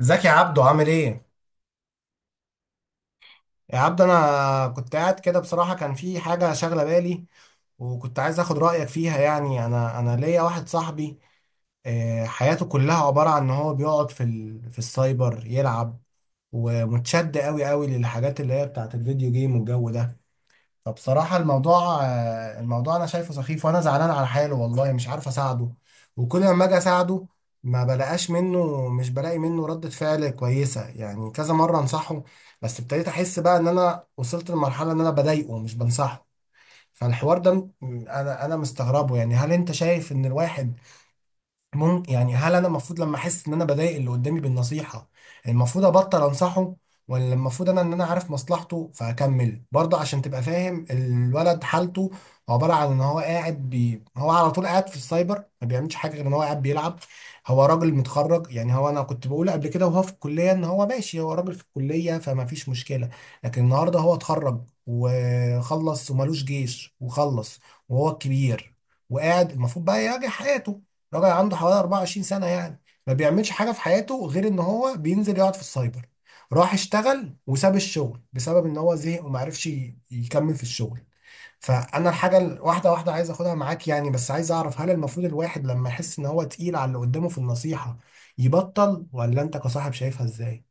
ازيك يا عبدو؟ عامل ايه؟ يا عبدو انا كنت قاعد كده، بصراحة كان في حاجة شاغلة بالي وكنت عايز اخد رأيك فيها. يعني انا ليا واحد صاحبي، حياته كلها عبارة عن ان هو بيقعد في السايبر يلعب، ومتشد قوي قوي للحاجات اللي هي بتاعت الفيديو جيم والجو ده. فبصراحة الموضوع، الموضوع أنا شايفه سخيف، وأنا زعلان على حاله والله، مش عارف أساعده. وكل ما أجي أساعده ما بلاقاش منه، مش بلاقي منه ردة فعل كويسة. يعني كذا مرة أنصحه، بس ابتديت أحس بقى إن أنا وصلت لمرحلة إن أنا بضايقه مش بنصحه. فالحوار ده م- أنا مستغربه، يعني هل أنت شايف إن الواحد ممكن، يعني هل انا المفروض لما احس ان انا بضايق اللي قدامي بالنصيحه المفروض ابطل انصحه، ولا المفروض انا ان انا عارف مصلحته فاكمل برضه؟ عشان تبقى فاهم، الولد حالته عباره عن ان هو قاعد هو على طول قاعد في السايبر، ما بيعملش حاجه غير ان هو قاعد بيلعب. هو راجل متخرج، يعني هو انا كنت بقول قبل كده وهو في الكليه ان هو ماشي، هو راجل في الكليه فما فيش مشكله، لكن النهارده هو اتخرج وخلص ومالوش جيش وخلص، وهو الكبير، وقاعد المفروض بقى يراجع حياته. راجل عنده حوالي 24 سنة يعني، ما بيعملش حاجة في حياته غير ان هو بينزل يقعد في السايبر. راح اشتغل وساب الشغل بسبب ان هو زهق وما عرفش يكمل في الشغل. واحدة واحدة عايز اخدها معاك يعني، بس عايز اعرف، هل المفروض الواحد لما يحس ان هو تقيل على اللي قدامه في النصيحة يبطل، ولا انت كصاحب شايفها ازاي؟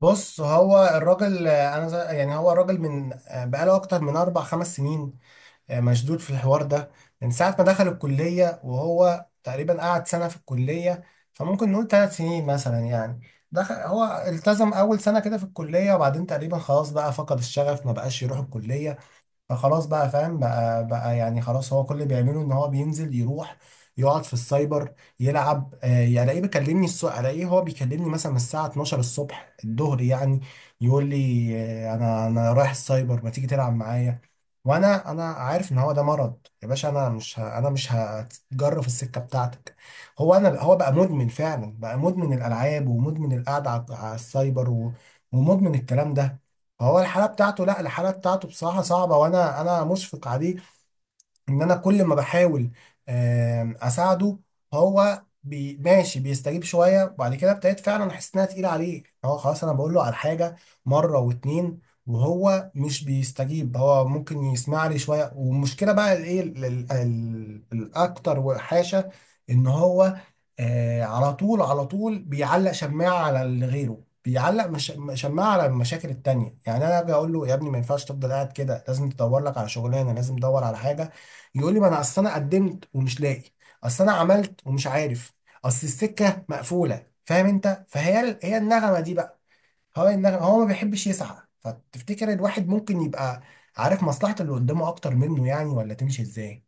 بص هو الراجل، انا يعني هو الراجل من، بقاله اكتر من اربع خمس سنين مشدود في الحوار ده. من ساعة ما دخل الكلية، وهو تقريبا قعد سنة في الكلية، فممكن نقول ثلاث سنين مثلا يعني. دخل هو التزم أول سنة كده في الكلية، وبعدين تقريبا خلاص بقى فقد الشغف، ما بقاش يروح الكلية. فخلاص بقى فاهم بقى يعني، خلاص هو كل اللي بيعمله ان هو بينزل يروح يقعد في السايبر يلعب. آه يعني الاقيه بيكلمني الصبح، الاقيه هو بيكلمني مثلا الساعة 12 الصبح الظهر يعني، يقول لي آه انا رايح السايبر، ما تيجي تلعب معايا. وانا عارف ان هو ده مرض. يا باشا انا مش هتجرف السكة بتاعتك. هو انا، هو بقى مدمن فعلا، بقى مدمن الالعاب ومدمن القعدة على السايبر ومدمن الكلام ده. هو الحالة بتاعته، لا الحالة بتاعته بصراحة صعبة، وانا مشفق عليه. ان انا كل ما بحاول اساعده هو ماشي بيستجيب شويه، وبعد كده ابتديت فعلا احس انها تقيله عليه، هو خلاص. انا بقول له على حاجه مره واتنين وهو مش بيستجيب، هو ممكن يسمع لي شويه. والمشكله بقى الايه الاكتر وحاشه، ان هو، على طول على طول بيعلق شماعه على اللي غيره، بيعلق مش شماعه على المشاكل التانية. يعني انا اجي اقول له يا ابني ما ينفعش تفضل قاعد كده، لازم تدور لك على شغلانه، لازم تدور على حاجه. يقول لي ما انا اصل انا قدمت ومش لاقي، اصل انا عملت ومش عارف، اصل السكه مقفوله، فاهم انت؟ هي النغمه دي بقى. هو النغمه، هو ما بيحبش يسعى. فتفتكر الواحد ممكن يبقى عارف مصلحه اللي قدامه اكتر منه يعني، ولا تمشي ازاي؟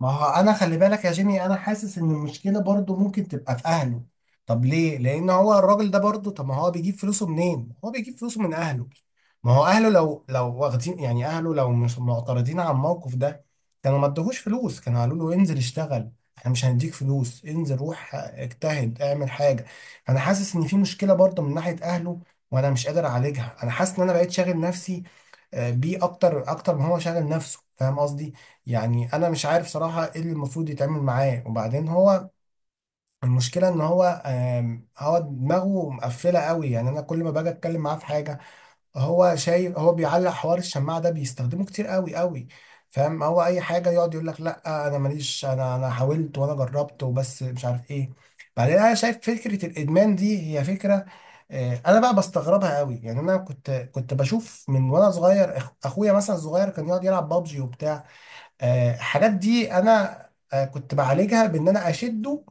ما هو انا خلي بالك يا جيمي، انا حاسس ان المشكله برضو ممكن تبقى في اهله. طب ليه؟ لان هو الراجل ده برضو، طب ما هو بيجيب فلوسه منين؟ هو بيجيب فلوسه من اهله. ما هو اهله لو واخدين يعني، اهله لو مش معترضين على الموقف ده كانوا ما ادوهوش فلوس، كانوا قالوا له انزل اشتغل، احنا مش هنديك فلوس، انزل روح اجتهد اعمل حاجه. انا حاسس ان في مشكله برضو من ناحيه اهله، وانا مش قادر اعالجها. انا حاسس ان انا بقيت شاغل نفسي بيه، اكتر اكتر ما هو شاغل نفسه، فاهم قصدي؟ يعني انا مش عارف صراحه ايه اللي المفروض يتعمل معاه. وبعدين هو المشكله ان هو، هو دماغه مقفله قوي. يعني انا كل ما باجي اتكلم معاه في حاجه هو شايف، هو بيعلق حوار الشماعه ده بيستخدمه كتير قوي قوي، فاهم؟ هو اي حاجه يقعد يقول لك لا انا ماليش، انا حاولت وانا جربت، وبس مش عارف ايه. بعدين انا شايف فكره الادمان دي هي فكره، انا بقى بستغربها قوي. يعني انا كنت بشوف من وانا صغير، اخويا مثلا صغير كان يقعد يلعب بابجي وبتاع، الحاجات دي انا كنت بعالجها بان انا اشده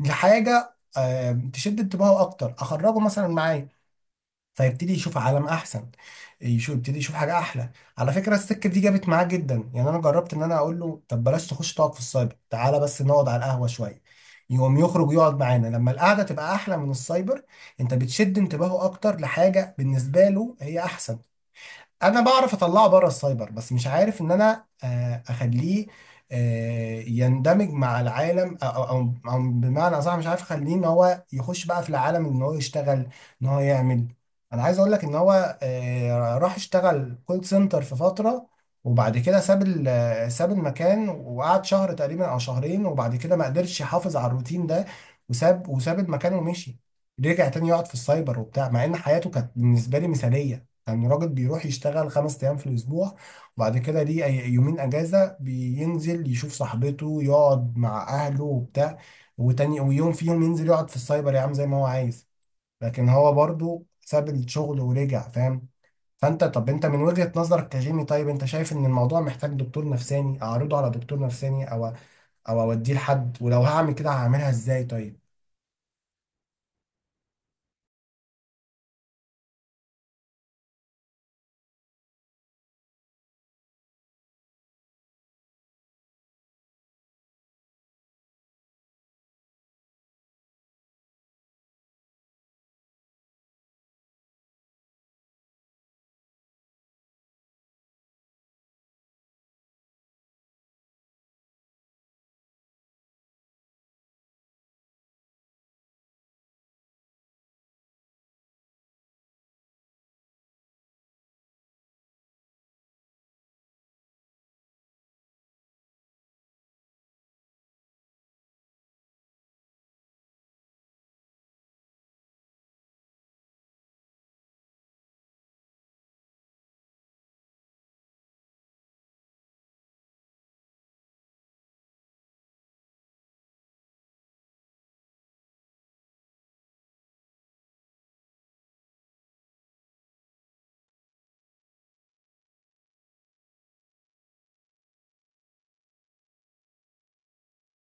لحاجه تشد انتباهه اكتر، اخرجه مثلا معايا فيبتدي يشوف عالم احسن، يبتدي يشوف حاجه احلى. على فكره السكه دي جابت معاه جدا. يعني انا جربت ان انا اقول له طب بلاش تخش تقعد في السايبر، تعالى بس نقعد على القهوه شويه، يقوم يخرج يقعد معانا لما القعده تبقى احلى من السايبر. انت بتشد انتباهه اكتر لحاجه بالنسبه له هي احسن. انا بعرف اطلعه بره السايبر، بس مش عارف ان انا، اخليه يندمج مع العالم، أو بمعنى اصح مش عارف اخليه ان هو يخش بقى في العالم، ان هو يشتغل، ان هو يعمل. انا عايز اقول لك ان هو، راح اشتغل كول سنتر في فترة، وبعد كده ساب ال- آه، ساب المكان وقعد شهر تقريبا او شهرين، وبعد كده ما قدرش يحافظ على الروتين ده وساب المكان ومشي. رجع تاني يقعد في السايبر وبتاع، مع ان حياته كانت بالنسبة لي مثالية. يعني راجل بيروح يشتغل خمس أيام في الأسبوع، وبعد كده ليه يومين أجازة بينزل يشوف صاحبته، يقعد مع أهله وبتاع، وتاني ويوم فيهم ينزل يقعد في السايبر يا عم زي ما هو عايز، لكن هو برضو ساب الشغل ورجع، فاهم. فأنت، طب أنت من وجهة نظرك كجيمي، طيب أنت شايف إن الموضوع محتاج دكتور نفساني، أعرضه على دكتور نفساني، أو أو أوديه لحد؟ ولو هعمل كده هعملها إزاي طيب؟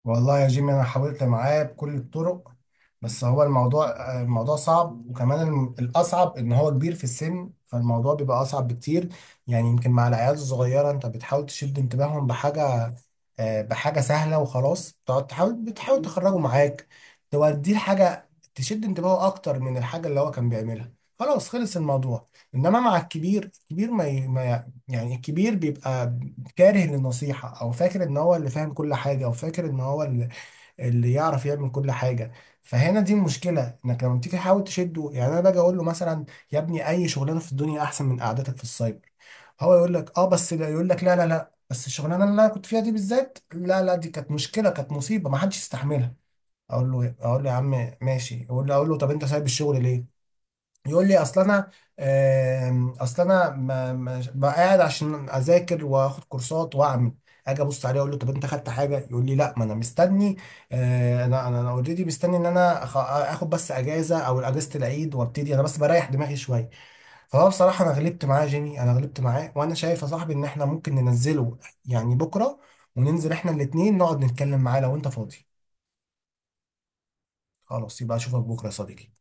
والله يا جيمي انا حاولت معاه بكل الطرق، بس هو الموضوع، الموضوع صعب. وكمان الاصعب ان هو كبير في السن، فالموضوع بيبقى اصعب بكتير. يعني يمكن مع العيال الصغيره انت بتحاول تشد انتباههم بحاجه، بحاجه سهله، وخلاص تقعد تحاول، بتحاول تخرجه معاك، توديه لحاجه تشد انتباهه اكتر من الحاجه اللي هو كان بيعملها، خلاص خلص الموضوع. انما مع الكبير، الكبير ما ي- ما ي- يعني الكبير بيبقى كاره للنصيحة، أو فاكر إن هو اللي فاهم كل حاجة، أو فاكر إن هو اللي، اللي يعرف يعمل كل حاجة. فهنا دي المشكلة، إنك لما تيجي تحاول تشده يعني، أنا باجي أقول له مثلا يا ابني أي شغلانة في الدنيا أحسن من قعدتك في السايبر، هو يقول لك أه بس لا، يقول لك لا لا لا بس الشغلانة اللي أنا كنت فيها دي بالذات، لا لا دي كانت مشكلة، كانت مصيبة ما حدش يستحملها. أقول له إيه؟ أقول له يا عم ماشي. أقول له طب أنت سايب الشغل ليه؟ يقول لي اصل انا، اصل انا ما بقى قاعد عشان اذاكر واخد كورسات واعمل. اجي ابص عليه اقول له طب انت خدت حاجه، يقول لي لا ما انا مستني، انا اوريدي مستني ان انا اخد بس اجازه او اجازه العيد، وابتدي انا بس بريح دماغي شويه. فهو بصراحه انا غلبت معاه يا جيمي، انا غلبت معاه. وانا شايف يا صاحبي ان احنا ممكن ننزله يعني بكره، وننزل احنا الاتنين نقعد نتكلم معاه لو انت فاضي. خلاص يبقى اشوفك بكره يا صديقي.